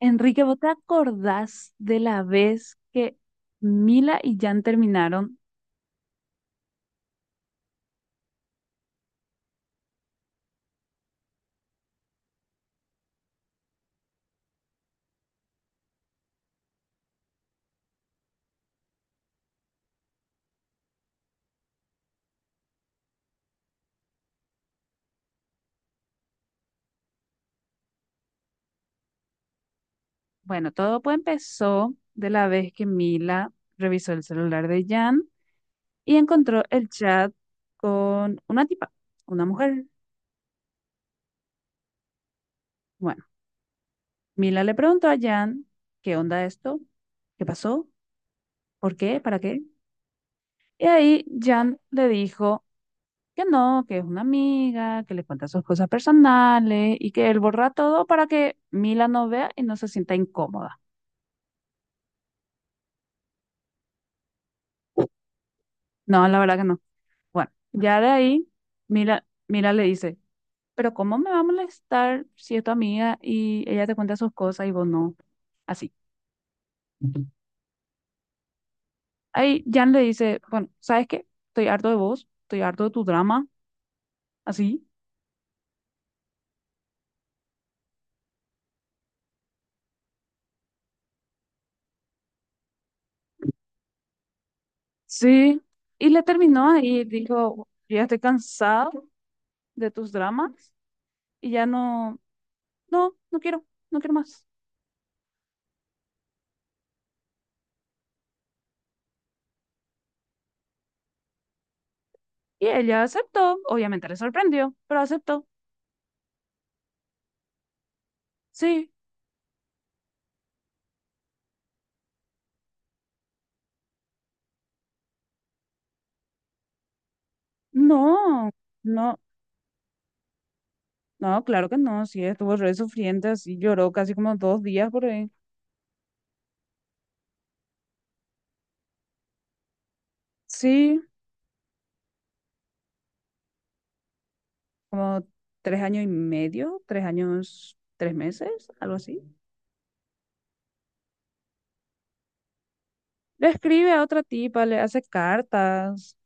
Enrique, ¿vos te acordás de la vez que Mila y Jan terminaron? Bueno, todo pues empezó de la vez que Mila revisó el celular de Jan y encontró el chat con una tipa, una mujer. Bueno, Mila le preguntó a Jan, ¿qué onda esto? ¿Qué pasó? ¿Por qué? ¿Para qué? Y ahí Jan le dijo que no, que es una amiga, que le cuenta sus cosas personales y que él borra todo para que Mila no vea y no se sienta incómoda. No, la verdad que no. Bueno, ya de ahí, mira le dice, pero ¿cómo me va a molestar si es tu amiga y ella te cuenta sus cosas y vos no? Así. Ahí Jan le dice, bueno, ¿sabes qué? Estoy harto de vos, estoy harto de tu drama, así. Sí. Y le terminó ahí, dijo, yo ya estoy cansado de tus dramas y ya no, no quiero, no quiero más. Y ella aceptó, obviamente le sorprendió, pero aceptó. Sí, no, no. No, claro que no, sí, estuvo re sufriente, así lloró casi como dos días por ahí. Sí, como tres años y medio, tres años, tres meses, algo así. Le escribe a otra tipa, le hace cartas,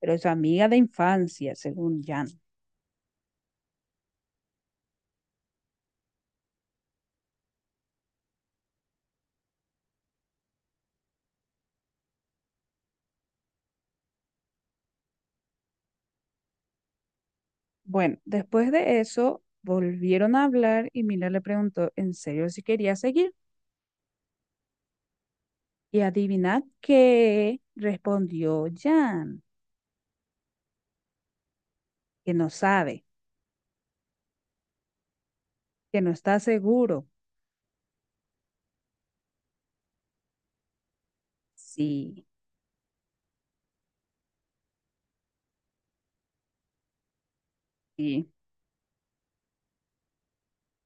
pero es su amiga de infancia, según Jan. Bueno, después de eso, volvieron a hablar y Miller le preguntó en serio si quería seguir. Y adivinad qué respondió Jan, que no sabe, que no está seguro. Sí, sí.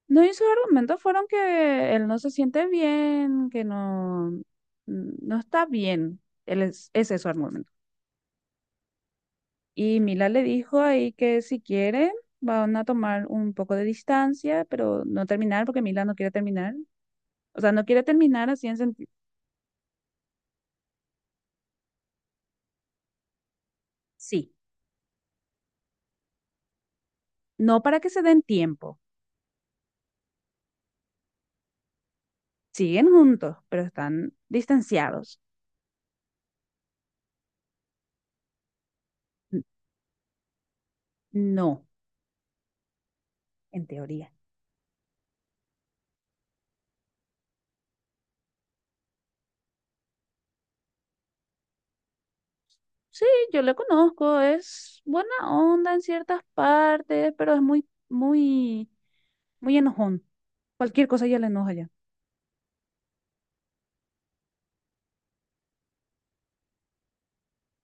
No, y sus argumentos fueron que él no se siente bien, que no, no está bien. Él es, ese es su argumento. Y Mila le dijo ahí que si quiere, van a tomar un poco de distancia, pero no terminar, porque Mila no quiere terminar. O sea, no quiere terminar así en sentido. Sí, no, para que se den tiempo. Siguen juntos, pero están distanciados. N- No, en teoría. Sí, yo le conozco, es buena onda en ciertas partes, pero es muy, muy, muy enojón. Cualquier cosa ya le enoja ya,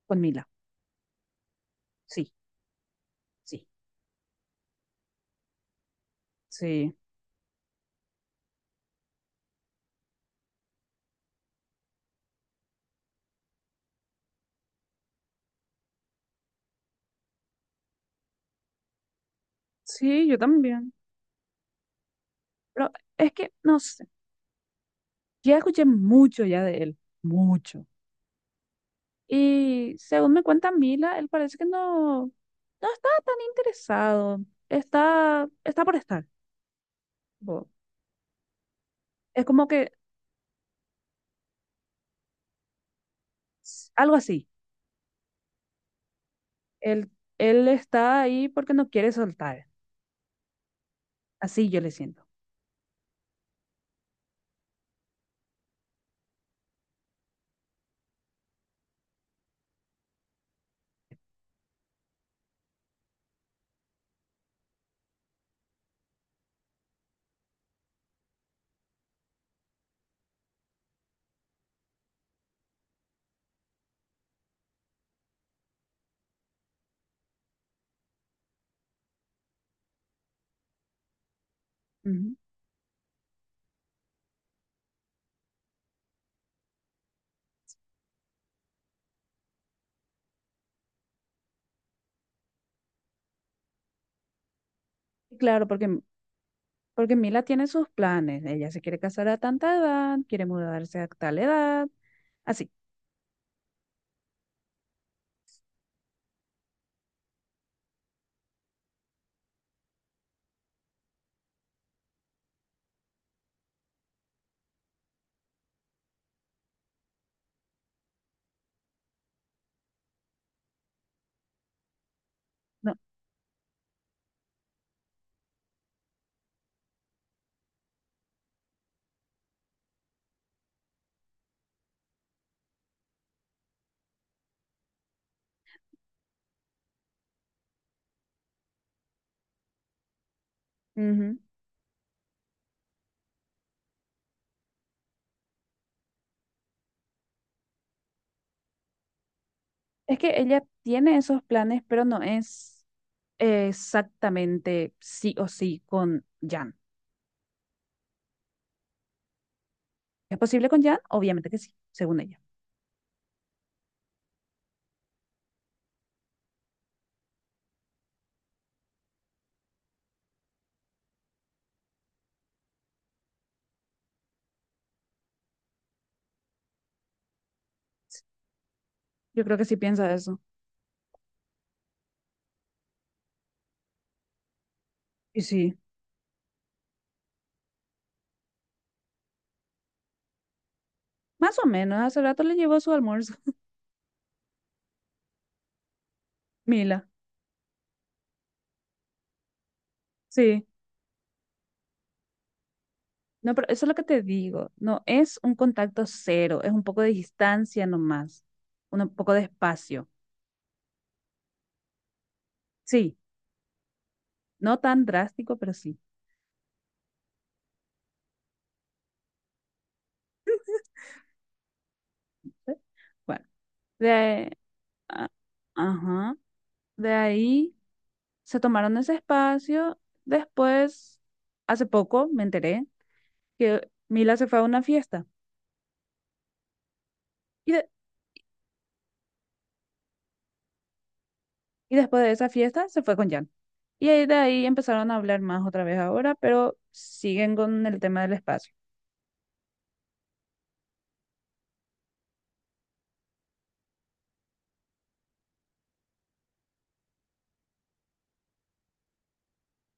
con Mila. Sí, sí, sí, sí, yo también. Pero es que, no sé, ya escuché mucho ya de él, mucho. Y según me cuenta Mila, él parece que no, no está tan interesado, está, está por estar. Tipo, es como que algo así, él, él está ahí porque no quiere soltar. Así yo le siento. Ujú. Claro, porque porque Mila tiene sus planes. Ella se quiere casar a tanta edad, quiere mudarse a tal edad. Así, no. Ujú. Es que ella tiene esos planes, pero no es exactamente sí o sí con Jan. ¿Es posible con Jan? Obviamente que sí, según ella. Yo creo que sí piensa eso. Y sí, más o menos. Hace rato le llevó su almuerzo. Mila. Sí. No, pero eso es lo que te digo. No es un contacto cero, es un poco de distancia nomás, un poco de espacio. Sí. No tan drástico, pero sí. ¿Sí? Bueno, de, ahí- a- ajá, de ahí se tomaron ese espacio. Después, hace poco me enteré que Mila se fue a una fiesta y, de- y después de esa fiesta se fue con Jan. Y ahí de ahí empezaron a hablar más otra vez ahora, pero siguen con el tema del espacio.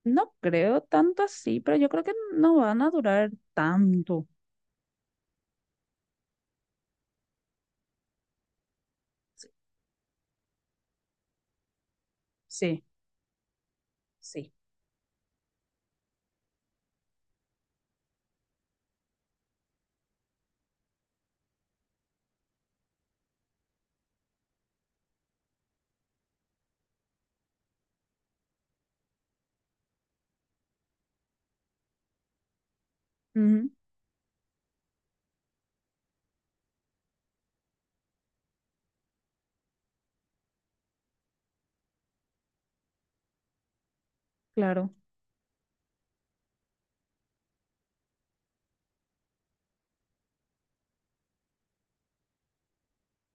No creo tanto así, pero yo creo que no van a durar tanto. Sí, sí. Ujú, claro.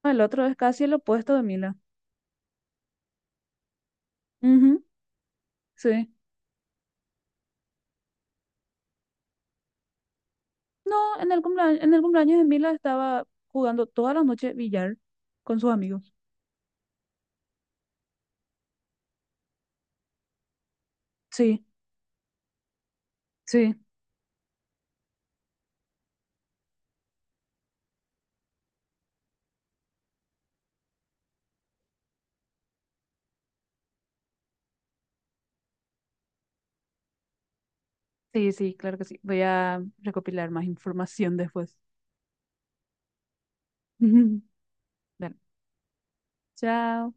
No, el otro es casi el opuesto de Mila. Ujú. Sí. No, en el cumpleaños de Mila estaba jugando toda la noche billar con sus amigos. Sí, sí, sí, sí, claro que sí. Voy a recopilar más información después. Dale. Chao.